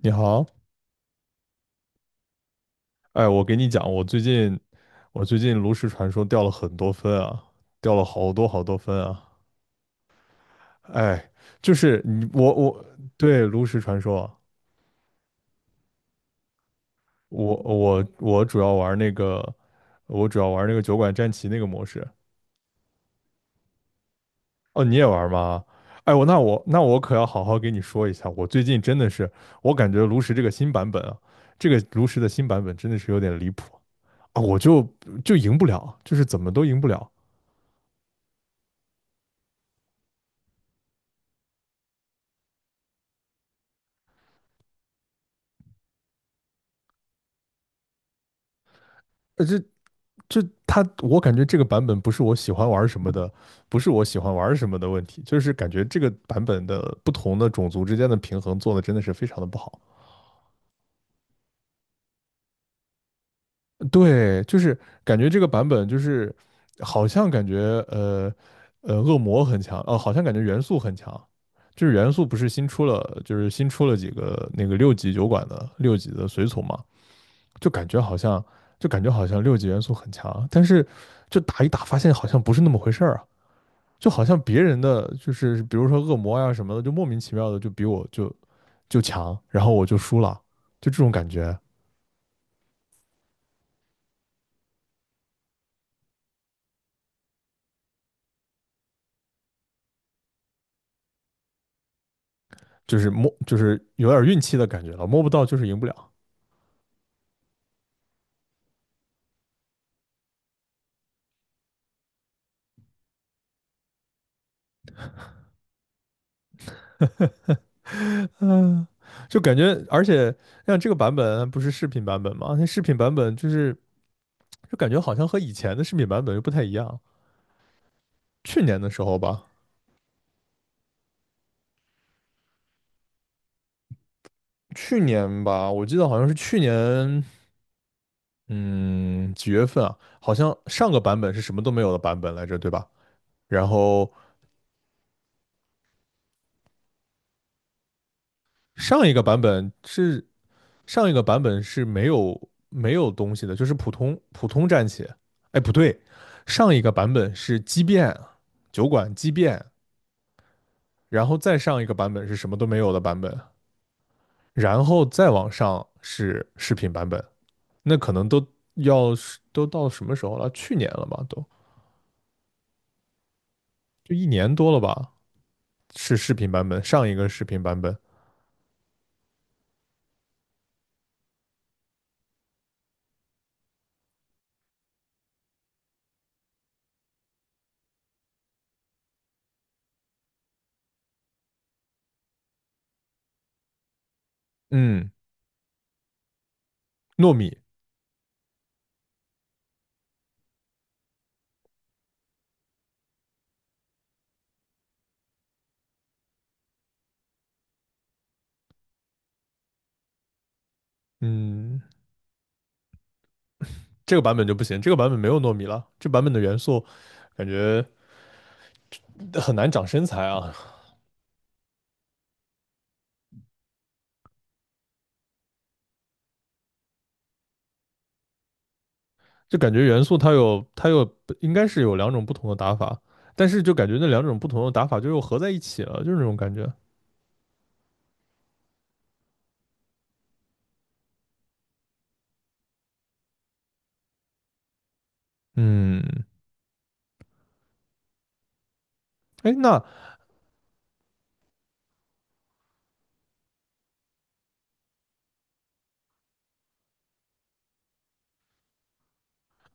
你好，哎，我给你讲，我最近炉石传说掉了很多分啊，掉了好多好多分啊，哎，就是你我我对炉石传说啊我主要玩那个，我主要玩那个酒馆战旗那个模式。哦，你也玩吗？哎，我可要好好给你说一下，我最近真的是，我感觉炉石这个新版本啊，这个炉石的新版本真的是有点离谱啊，就赢不了，就是怎么都赢不了。就他，我感觉这个版本不是我喜欢玩什么的，不是我喜欢玩什么的问题，就是感觉这个版本的不同的种族之间的平衡做的真的是非常的不好。对，就是感觉这个版本就是好像感觉呃恶魔很强，好像感觉元素很强，就是元素不是新出了，就是新出了几个那个六级酒馆的六级的随从嘛，就感觉好像就感觉好像六级元素很强，但是就打一打发现好像不是那么回事儿啊。就好像别人的就是比如说恶魔呀、啊什么的，就莫名其妙的就强，然后我就输了，就这种感觉，就是摸就是有点运气的感觉了，摸不到就是赢不了。嗯，就感觉而且像这个版本不是视频版本吗？那视频版本就是就感觉好像和以前的视频版本又不太一样，去年的时候吧，去年吧，我记得好像是去年。嗯，几月份啊？好像上个版本是什么都没有的版本来着，对吧？然后上一个版本是上一个版本是没有东西的，就是普通战旗。哎，不对，上一个版本是畸变酒馆畸变，然后再上一个版本是什么都没有的版本，然后再往上是视频版本。那可能都要都到什么时候了？去年了吧，都就一年多了吧。是视频版本，上一个视频版本，嗯，糯米，嗯，这个版本就不行，这个版本没有糯米了，这版本的元素感觉很难长身材啊，就感觉元素它有应该是有两种不同的打法，但是就感觉那两种不同的打法就又合在一起了，就是那种感觉。嗯，哎，那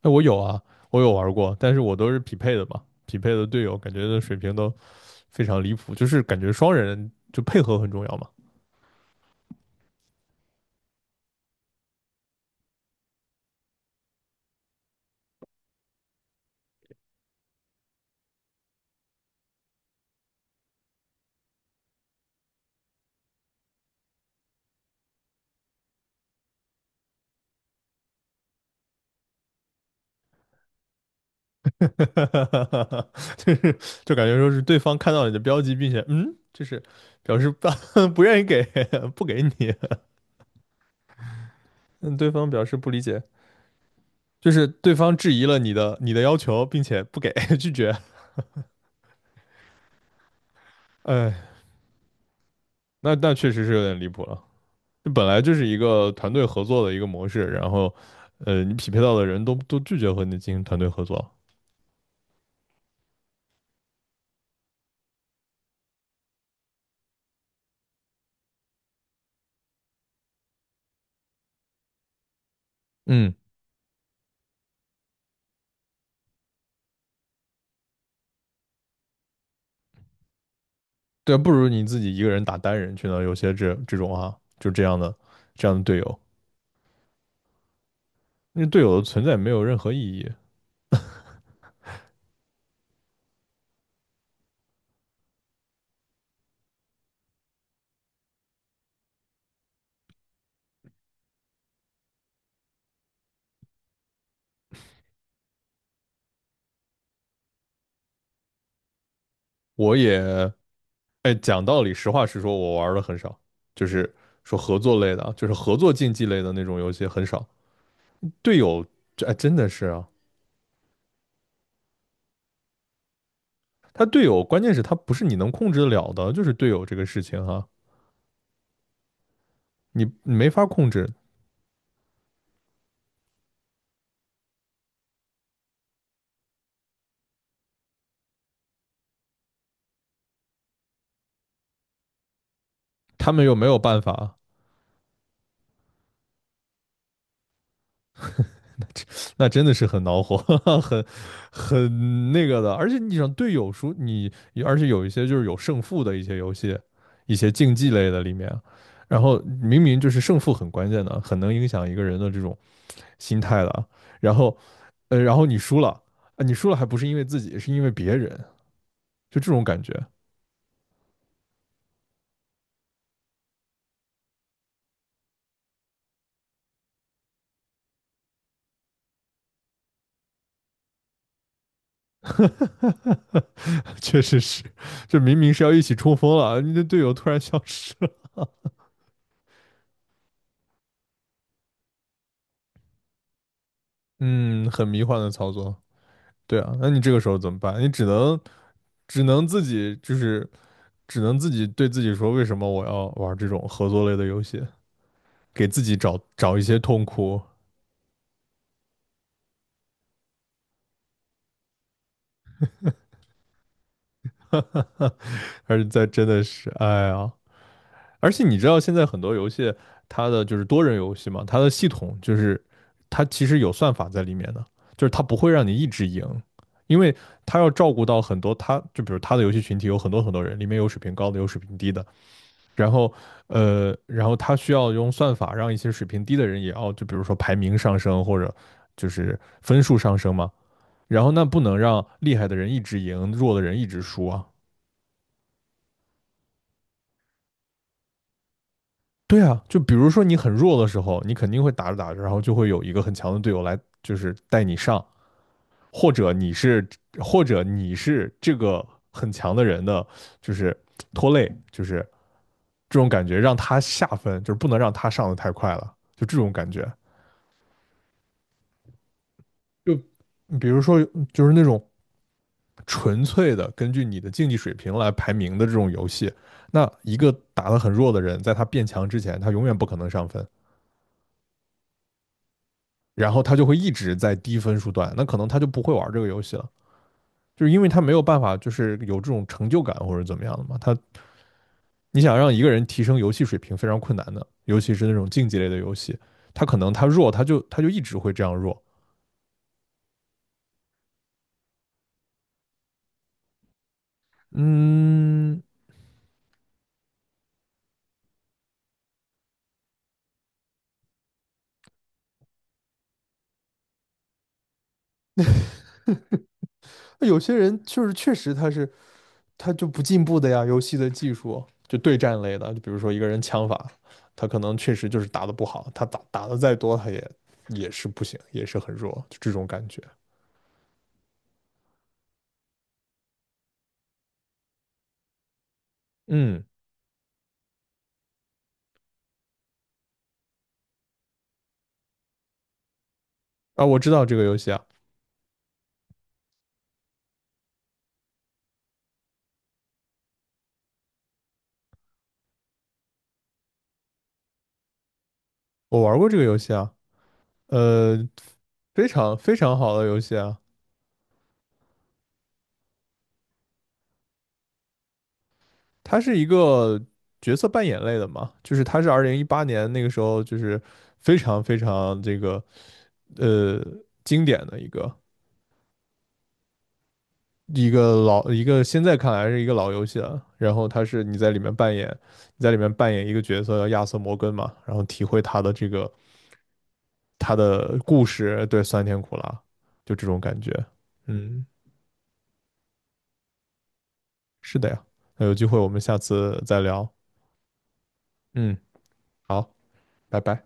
哎我有啊，我有玩过，但是我都是匹配的嘛，匹配的队友感觉的水平都非常离谱，就是感觉双人就配合很重要嘛。哈哈哈哈哈，就是就感觉说是对方看到你的标记，并且嗯，就是表示不 不愿意给 不给你，嗯，对方表示不理解，就是对方质疑了你的要求，并且不给 拒绝，哎，那那确实是有点离谱了。这本来就是一个团队合作的一个模式，然后你匹配到的人都拒绝和你进行团队合作，嗯，对啊，不如你自己一个人打单人去呢。有些这种啊，就这样的这样的队友，那队友的存在没有任何意义。我也，哎，讲道理，实话实说，我玩的很少，就是说合作类的啊，就是合作竞技类的那种游戏很少。队友，这哎真的是啊，他队友关键是他不是你能控制得了的，就是队友这个事情哈、你没法控制，他们又没有办法，那真的是很恼火，很很那个的。而且你想队友输你，而且有一些就是有胜负的一些游戏，一些竞技类的里面啊，然后明明就是胜负很关键的，很能影响一个人的这种心态了。然后，然后你输了，啊，你输了还不是因为自己，是因为别人，就这种感觉，确实是，这明明是要一起冲锋了，你的队友突然消失了，嗯，很迷幻的操作。对啊，那你这个时候怎么办？你只能只能自己就是只能自己对自己说，为什么我要玩这种合作类的游戏？给自己找一些痛苦，还是在真的是，哎呀。而且你知道现在很多游戏，它的就是多人游戏嘛，它的系统就是它其实有算法在里面的，就是它不会让你一直赢，因为它要照顾到很多它就比如它的游戏群体有很多人，里面有水平高的，有水平低的，然后然后它需要用算法让一些水平低的人也要就比如说排名上升或者就是分数上升嘛，然后那不能让厉害的人一直赢，弱的人一直输啊，对啊，就比如说你很弱的时候，你肯定会打着打着，然后就会有一个很强的队友来，就是带你上，或者你是，或者你是这个很强的人的，就是拖累，就是这种感觉，让他下分，就是不能让他上的太快了，就这种感觉。就比如说，就是那种纯粹的根据你的竞技水平来排名的这种游戏，那一个打得很弱的人，在他变强之前，他永远不可能上分。然后他就会一直在低分数段，那可能他就不会玩这个游戏了，就是因为他没有办法，就是有这种成就感或者怎么样的嘛。他你想让一个人提升游戏水平非常困难的，尤其是那种竞技类的游戏，他可能他弱，他就一直会这样弱。嗯，有些人就是确实他就不进步的呀，游戏的技术就对战类的，就比如说一个人枪法，他可能确实就是打得不好，他打得再多，他也也是不行，也是很弱，就这种感觉。嗯。啊，我知道这个游戏啊，我玩过这个游戏啊，呃，非常非常好的游戏啊，它是一个角色扮演类的嘛，就是它是2018年那个时候就是非常非常这个呃经典的一个一个老一个现在看来是一个老游戏了，然后它是你在里面扮演一个角色叫亚瑟摩根嘛，然后体会他的故事，对酸甜苦辣，就这种感觉，嗯。是的呀，那有机会我们下次再聊。嗯，好，拜拜。